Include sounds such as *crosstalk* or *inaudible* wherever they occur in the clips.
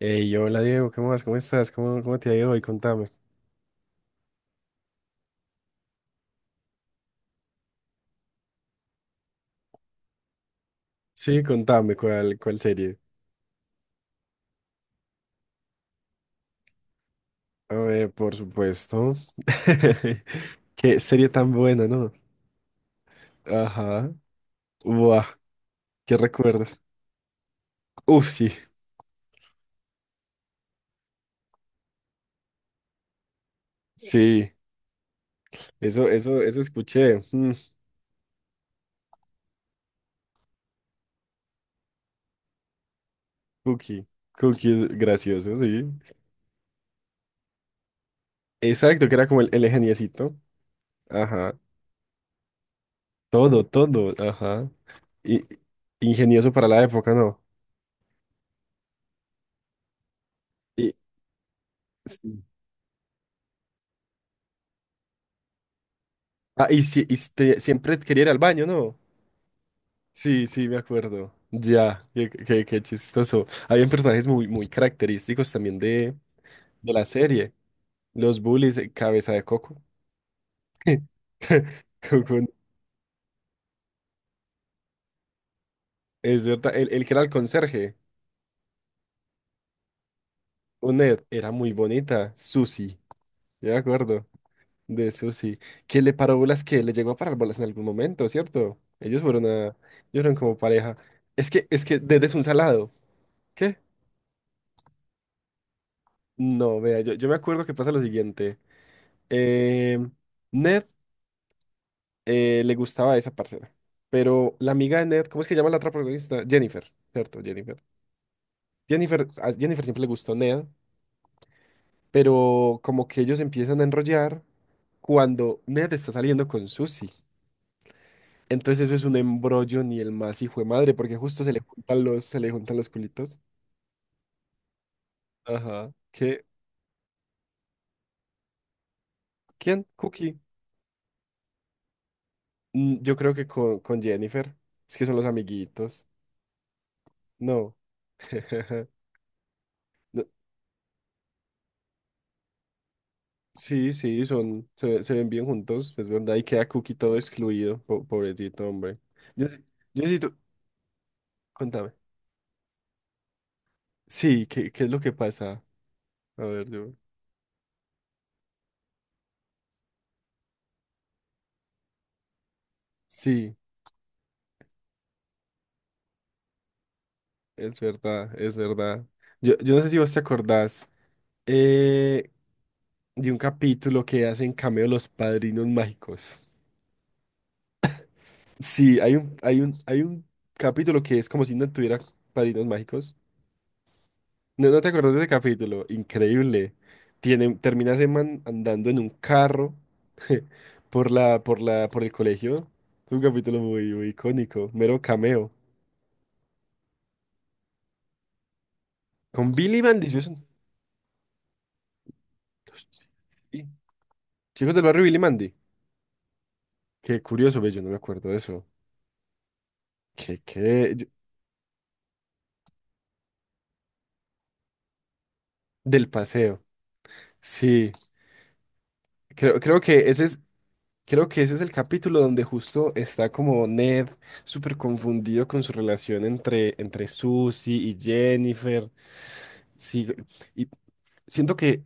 Hey, hola Diego, ¿qué más? ¿Cómo estás? ¿Cómo te ha ido hoy? Contame. Sí, contame, ¿cuál serie? A ver, por supuesto. *laughs* Qué serie tan buena, ¿no? Ajá. Buah, ¿qué recuerdas? Uf, sí, sí. Eso escuché. Cookie. Cookie es gracioso, sí. Exacto, que era como el ingeniecito. Ajá. Todo, todo, ajá. Y, ingenioso para la época, ¿no? Y, sí. Ah, y, si, siempre quería ir al baño, ¿no? Sí, sí, me acuerdo. Ya, qué chistoso. Habían personajes muy característicos también de la serie. Los bullies, cabeza de coco. *laughs* Coco, es verdad, el que era el conserje, un Ned, era muy bonita. Susie, yo me acuerdo de Susie. Que le paró bolas, que le llegó a parar bolas en algún momento, ¿cierto? Ellos fueron a, ellos fueron como pareja. Es que Ned es un salado. ¿Qué? No, vea, yo me acuerdo que pasa lo siguiente. Eh, Ned. Le gustaba a esa parcera. Pero la amiga de Ned, ¿cómo es que se llama la otra protagonista? Jennifer, ¿cierto? Jennifer. Jennifer, a Jennifer siempre le gustó Ned, pero como que ellos empiezan a enrollar cuando Ned está saliendo con Susie. Entonces eso es un embrollo ni el más hijo de madre, porque justo se le juntan los, se le juntan los culitos. Ajá. ¿Qué? ¿Quién? Cookie. Yo creo que con Jennifer. Es que son los amiguitos. No. *laughs* Sí, sí, son, se ven bien juntos, es verdad, y queda Cookie todo excluido, pobrecito, hombre. Yo, yo sí, tú- contame. Sí, ¿qué es lo que pasa? A ver, yo. Sí, es verdad, es verdad. Yo no sé si vos te acordás eh, de un capítulo que hacen cameo los padrinos mágicos. Sí, hay un capítulo que es como si no tuviera padrinos mágicos. No, no te acuerdas de ese capítulo, increíble. Tiene, termina ese man andando en un carro *laughs* por por el colegio. Un capítulo muy icónico, mero cameo. Con Billy Mandy, Sí. Chicos del barrio Billy Mandy. Qué curioso, ve, yo no me acuerdo de eso. Que, que, yo- del paseo. Sí, creo, creo que ese es, creo que ese es el capítulo donde justo está como Ned súper confundido con su relación entre Susie y Jennifer. Sí, y siento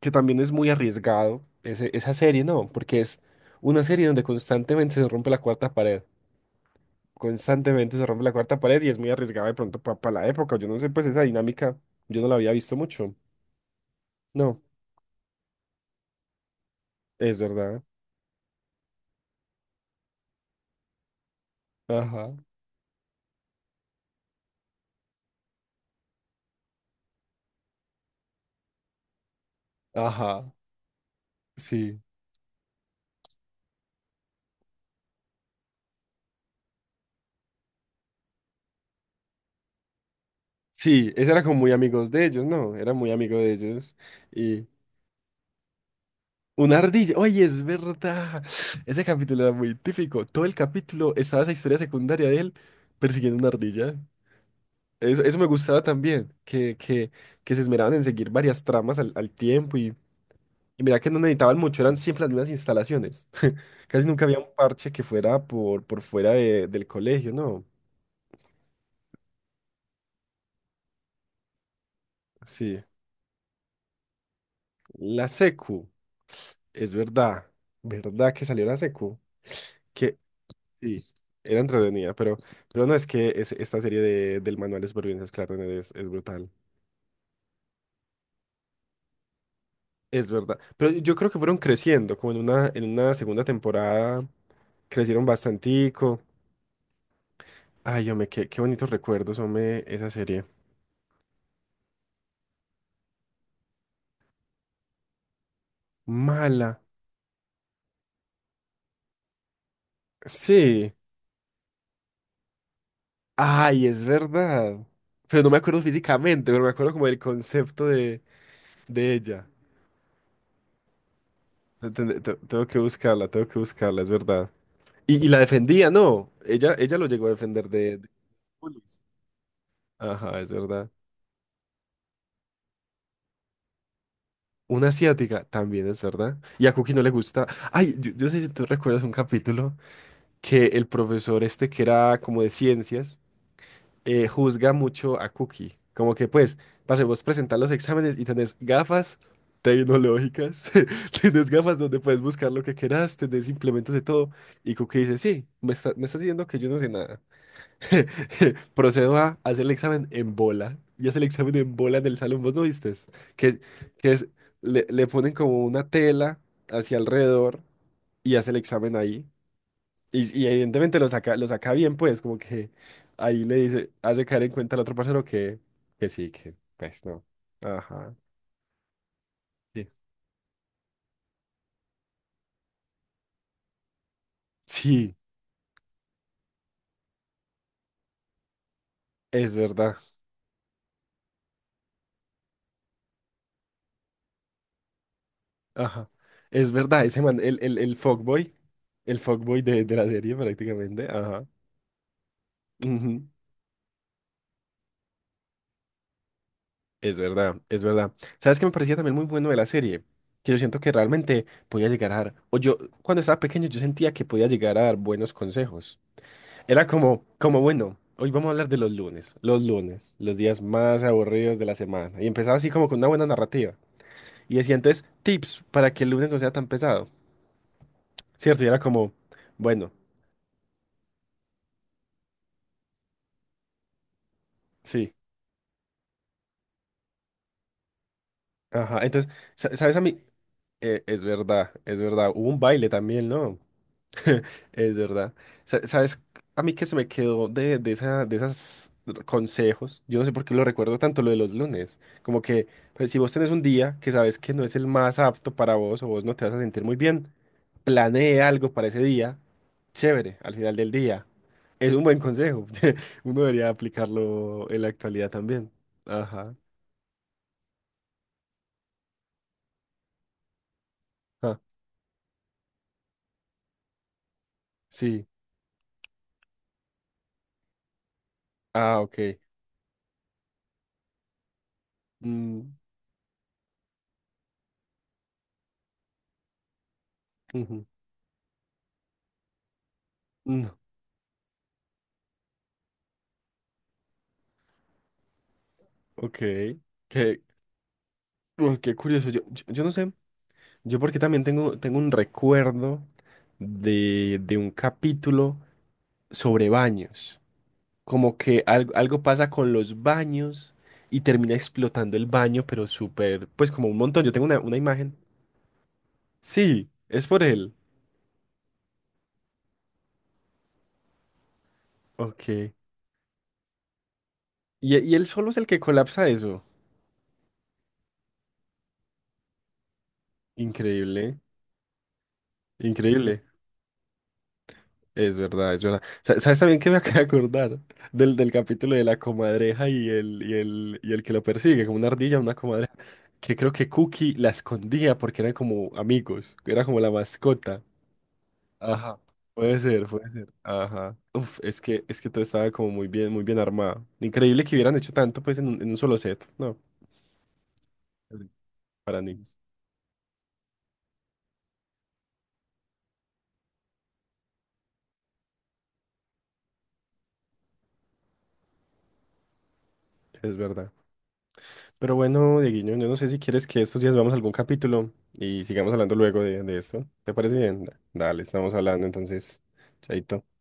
que también es muy arriesgado esa serie, ¿no? Porque es una serie donde constantemente se rompe la cuarta pared, constantemente se rompe la cuarta pared y es muy arriesgada de pronto para la época. Yo no sé, pues esa dinámica yo no la había visto mucho. No, es verdad. Ajá, ajá, sí. Sí, ese era como muy amigos de ellos, ¿no? Era muy amigo de ellos Una ardilla. Oye, es verdad. Ese capítulo era muy típico. Todo el capítulo estaba esa historia secundaria de él persiguiendo una ardilla. Eso me gustaba también, que se esmeraban en seguir varias tramas al tiempo y mira que no necesitaban mucho, eran siempre las mismas instalaciones. *laughs* Casi nunca había un parche que fuera por fuera del colegio, ¿no? Sí. La secu, es verdad, verdad que salió la secu. Que Sí, era entretenida, pero no es que esta serie de, del manual de supervivencia escolar es brutal. Es verdad. Pero yo creo que fueron creciendo, como en una segunda temporada crecieron bastantico. Ay, hombre, qué bonitos recuerdos, hombre, esa serie. Mala. Sí. Ay, es verdad. Pero no me acuerdo físicamente, pero me acuerdo como del concepto de ella. Tengo que buscarla, es verdad. Y la defendía, ¿no? Ella lo llegó a defender de bullies. Ajá, es verdad. Una asiática también es verdad. Y a Cookie no le gusta. Ay, yo sé si tú recuerdas un capítulo que el profesor este que era como de ciencias juzga mucho a Cookie. Como que pues, parce, vos presentar los exámenes y tenés gafas tecnológicas, *laughs* tenés gafas donde puedes buscar lo que quieras, tenés implementos de todo. Y Cookie dice, sí, me estás diciendo que yo no sé nada. *laughs* Procedo a hacer el examen en bola. Y hace el examen en bola en el salón, ¿vos no vistes? Que, que es, le, le ponen como una tela hacia alrededor y hace el examen ahí. Y evidentemente lo saca bien, pues, como que ahí le dice, hace caer en cuenta al otro parcero que sí, que pues no. Ajá. Sí, Sí, es verdad. Ajá. Es verdad, ese man, el fuckboy de la serie prácticamente. Ajá. Ujú. Es verdad, es verdad. ¿Sabes qué me parecía también muy bueno de la serie? Que yo siento que realmente podía llegar a dar, o yo cuando estaba pequeño yo sentía que podía llegar a dar buenos consejos. Era como, como bueno, hoy vamos a hablar de los lunes, los lunes, los días más aburridos de la semana. Y empezaba así como con una buena narrativa. Y decía entonces tips para que el lunes no sea tan pesado, ¿cierto? Y era como, bueno, sí, ajá. Entonces, ¿sabes a mí? Es verdad, es verdad. Hubo un baile también, ¿no? *laughs* Es verdad. ¿Sabes? A mí que se me quedó de esa, de esas consejos. Yo no sé por qué lo recuerdo tanto lo de los lunes. Como que pues, si vos tenés un día que sabes que no es el más apto para vos o vos no te vas a sentir muy bien, planee algo para ese día. Chévere, al final del día. Es un buen consejo. *laughs* Uno debería aplicarlo en la actualidad también. Ajá. Ah, sí. Ah, ok. Mm, ujú. Mm, ok. Qué, qué curioso. Yo no sé. Yo porque también tengo, tengo un recuerdo de un capítulo sobre baños. Como que algo pasa con los baños y termina explotando el baño, pero súper, pues como un montón. Yo tengo una imagen. Sí, es por él. Ok. Y él solo es el que colapsa eso. Increíble, increíble. Es verdad, es verdad. ¿Sabes también que me *laughs* acabo de acordar del, del capítulo de la comadreja y el, y el, y el que lo persigue, como una ardilla, una comadreja? Que creo que Cookie la escondía porque eran como amigos, era como la mascota. Ajá. Puede ser, puede ser. Ajá. Uf, es que todo estaba como muy bien armado. Increíble que hubieran hecho tanto pues en un solo set, ¿no? Sí. Para niños. Es verdad. Pero bueno, Dieguiño, yo no sé si quieres que estos días veamos algún capítulo y sigamos hablando luego de esto. ¿Te parece bien? Dale, estamos hablando entonces. Chaito.